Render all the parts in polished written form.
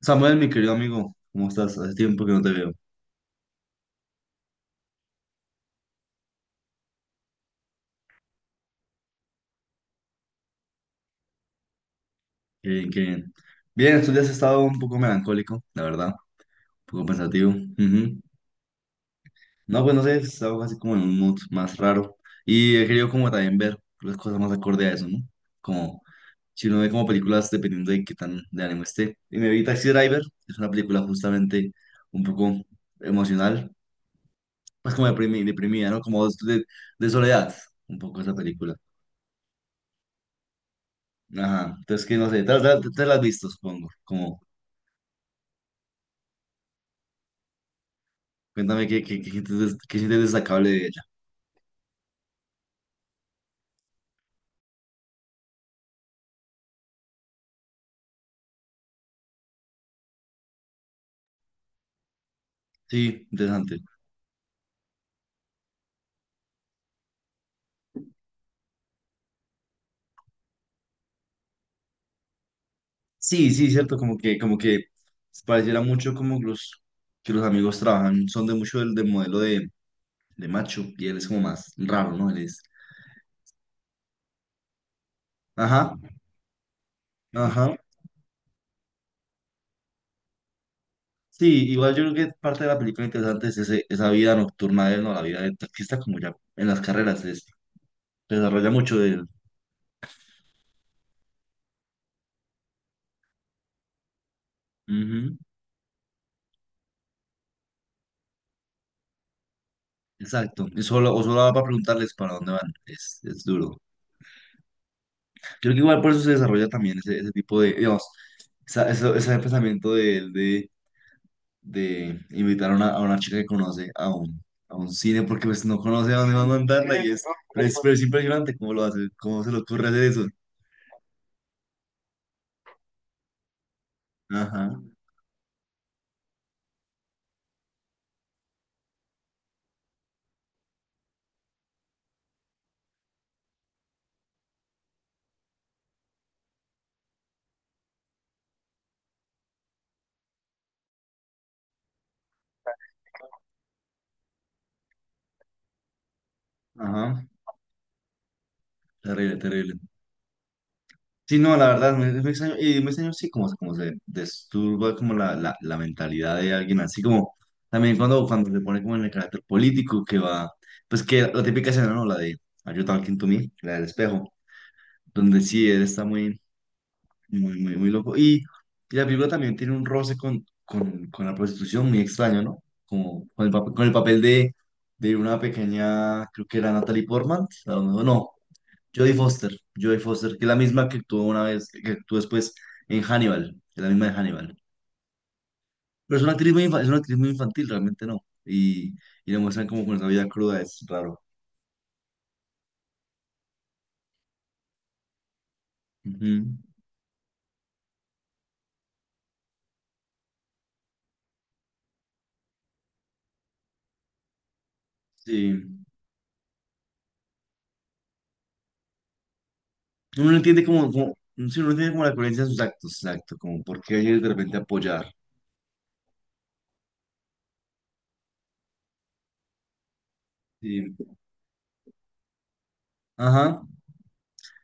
Samuel, mi querido amigo, ¿cómo estás? Hace tiempo que no te veo. Qué bien, qué bien. Bien, estos días he estado un poco melancólico, la verdad, un poco pensativo. Ujú. No, pues no sé, he estado así como en un mood más raro. Y he querido como también ver las cosas más acorde a eso, ¿no? Como si uno ve como películas dependiendo de qué tan de ánimo esté. Y me vi Taxi Driver, es una película justamente un poco emocional, pues como deprimida, ¿no? Como de soledad, un poco esa película. Ajá, entonces que no sé, te las has visto, supongo, como... Cuéntame qué sientes destacable de ella. Sí, interesante. Sí, sí, cierto, como que pareciera mucho como los que los amigos trabajan, son de mucho del modelo de macho, y él es como más raro, ¿no? Él es. Ajá, ajá. Sí, igual yo creo que parte de la película interesante es esa vida nocturna de él, ¿no? La vida de taxista como ya en las carreras es, se desarrolla mucho de él. Ujú. Exacto. Y solo, o solo va para preguntarles para dónde van. Es duro. Creo que igual por eso se desarrolla también ese tipo de, digamos, ese pensamiento de de invitar a una chica que conoce a un cine porque pues no conoce a dónde va a mandarla y es, pero es, pero es impresionante cómo lo hace, cómo se le ocurre hacer eso. Ajá, ajá, terrible, terrible. Sí, no, la verdad, me extraño, y me extraño, sí, como, como se disturba como la mentalidad de alguien, así como también cuando se pone como en el carácter político que va, pues que la típica escena, ¿no? La de "Are you talking to me?" La del espejo donde sí, él está muy loco. Y la película también tiene un roce con la prostitución muy extraño, ¿no? Como con el, con el papel de una pequeña, creo que era Natalie Portman, a lo no, Jodie Foster, Jodie Foster, que es la misma que actuó una vez, que actuó después en Hannibal, es la misma de Hannibal. Pero es una actriz muy, es una actriz muy infantil, realmente no. Y le muestran como con esa vida cruda, es raro. Ujú. Sí. Uno no entiende sí, uno sí no entiende como la coherencia de sus actos, exacto, como por qué ellos de repente apoyar. Sí. Ajá.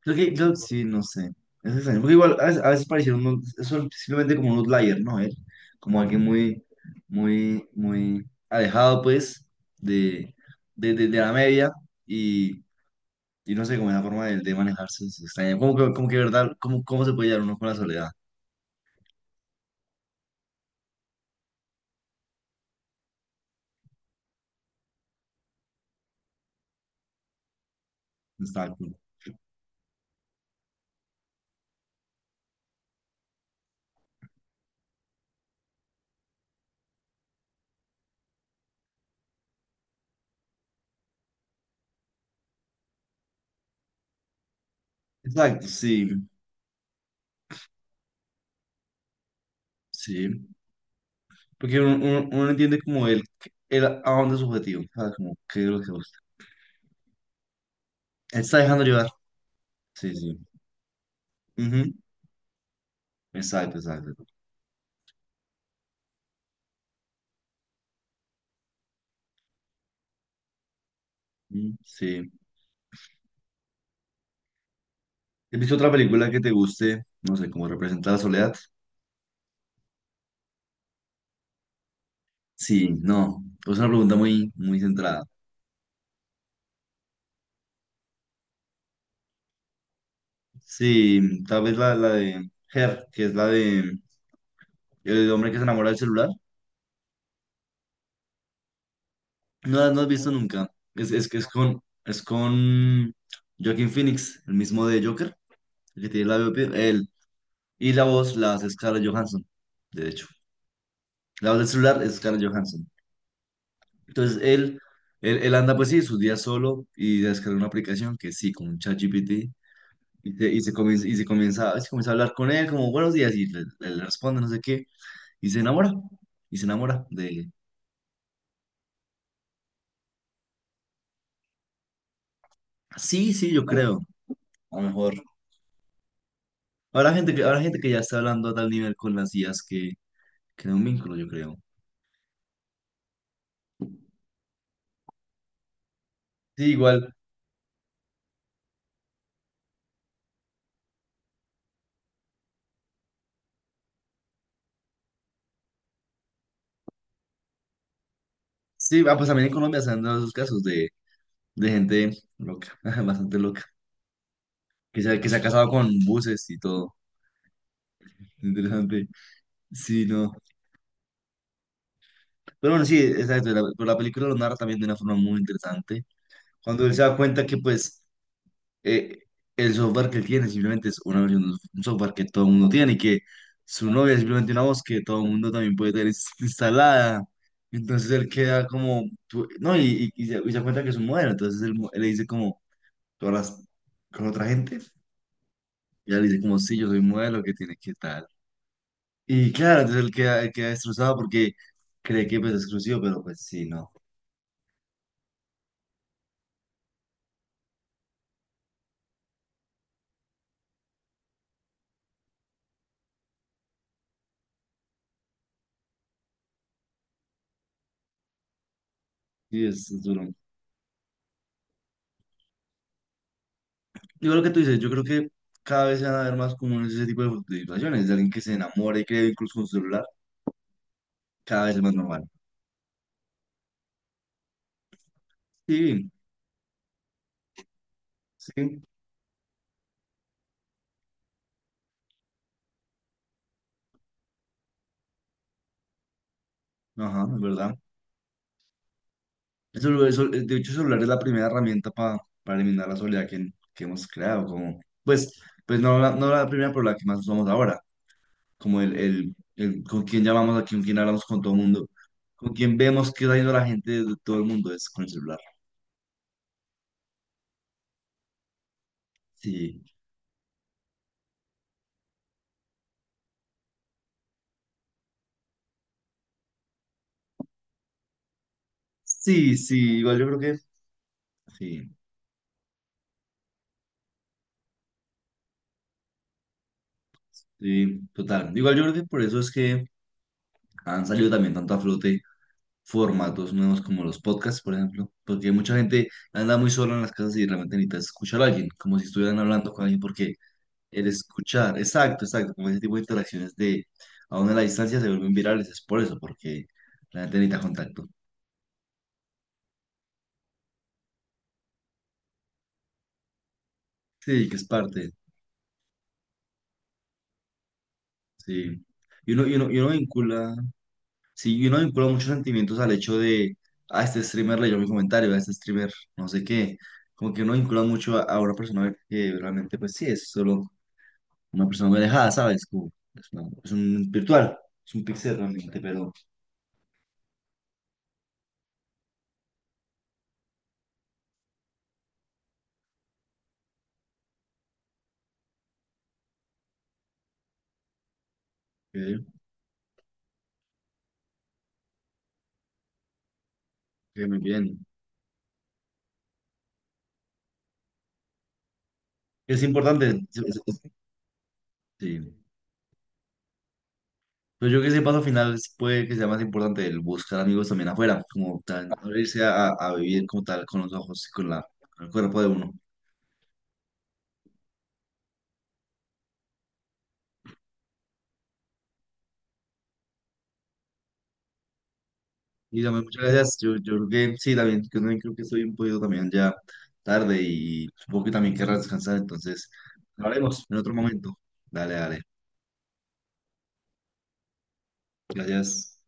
Sí, no sé. Es extraño. Porque igual a veces parecieron son simplemente como un outlier, ¿no? Él, como alguien muy alejado, pues, de, de la media y, y no sé, como la forma de manejarse es extraña. ¿Verdad? ¿Cómo, cómo se puede llevar uno con la soledad? Está cool. Exacto, sí, sí. Porque uno entiende como él a dónde es su objetivo, ¿sabes? Como qué es lo que gusta. Él se está dejando llevar. Sí, sí. Ujú. Exacto, exacto. Mm, sí. ¿Has visto otra película que te guste? No sé, como representa la soledad. Sí, no. Es una pregunta muy, muy centrada. Sí, tal vez la de Her, que es la de el hombre que se enamora del celular. No, no has visto nunca. Es que es con Joaquin Phoenix, el mismo de Joker, el que tiene el labio. Y la voz la hace Scarlett Johansson, de hecho. La voz del celular es Scarlett Johansson. Entonces él, él anda pues sí, sus días solo y descarga una aplicación que sí, con un ChatGPT. Y se, se comienza a hablar con él como buenos días y le, le responde no sé qué. Y se enamora. Y se enamora de... él. Sí, sí, yo creo. A lo mejor. Habrá gente que ya está hablando a tal nivel con las IAs que crea un vínculo, yo creo. Sí, igual. Sí, ah, pues también en Colombia se han dado esos casos de gente loca, bastante loca. Que se, que se ha casado con buses y todo. Interesante. Sí, no. Pero bueno, sí, exacto. La, pero la película lo narra también de una forma muy interesante. Cuando él se da cuenta que, pues, eh, el software que él tiene simplemente es una versión de un software que todo el mundo tiene y que su novia es simplemente una voz que todo el mundo también puede tener instalada. Entonces él queda como, no, y se da cuenta que es un modelo. Entonces él, él le dice como, ¿tú hablas con otra gente? Y ella le dice como, sí, yo soy un modelo que tiene que estar. Y claro, entonces él queda destrozado porque cree que pues, es exclusivo, pero pues sí, no. Sí, es duro. Digo lo que tú dices, yo creo que cada vez se van a ver más comunes ese tipo de situaciones, de alguien que se enamora y cree incluso con su celular, cada vez es más normal. Sí, sí, ajá, es verdad. El celu- el cel- De hecho, el celular es la primera herramienta para eliminar la soledad que hemos creado, como, pues, pues no, la, no la primera, pero la que más usamos ahora. Como el con quién llamamos aquí, con quién hablamos con todo el mundo, con quién vemos qué está yendo la gente de todo el mundo es con el celular. Sí, sí, sí, igual yo creo que, sí, sí, total. Igual yo creo que por eso es que han salido también tanto a flote formatos nuevos como los podcasts, por ejemplo, porque mucha gente anda muy sola en las casas y realmente necesita escuchar a alguien, como si estuvieran hablando con alguien, porque el escuchar, exacto, exacto, como ese tipo de interacciones de aún a la distancia se vuelven virales, es por eso, porque la gente necesita contacto. Sí, que es parte, sí. Y uno vincula, sí, y uno vincula muchos sentimientos al hecho de, a este streamer leyó mi comentario, a este streamer no sé qué. Como que uno vincula mucho a una persona que realmente, pues sí, es solo una persona muy alejada, ¿sabes? Como, es, es un virtual, es un pixel realmente, pero que muy bien. Es importante, sí. Pero yo creo que ese paso final puede que sea más importante, el buscar amigos también afuera, como tan, abrirse a, a vivir como tal con los ojos y con la, con el cuerpo de uno. Y también muchas gracias. Yo creo que sí, también, yo también creo que estoy un poquito también ya tarde y supongo que también querrás descansar, entonces hablaremos en otro momento. Dale, dale. Gracias.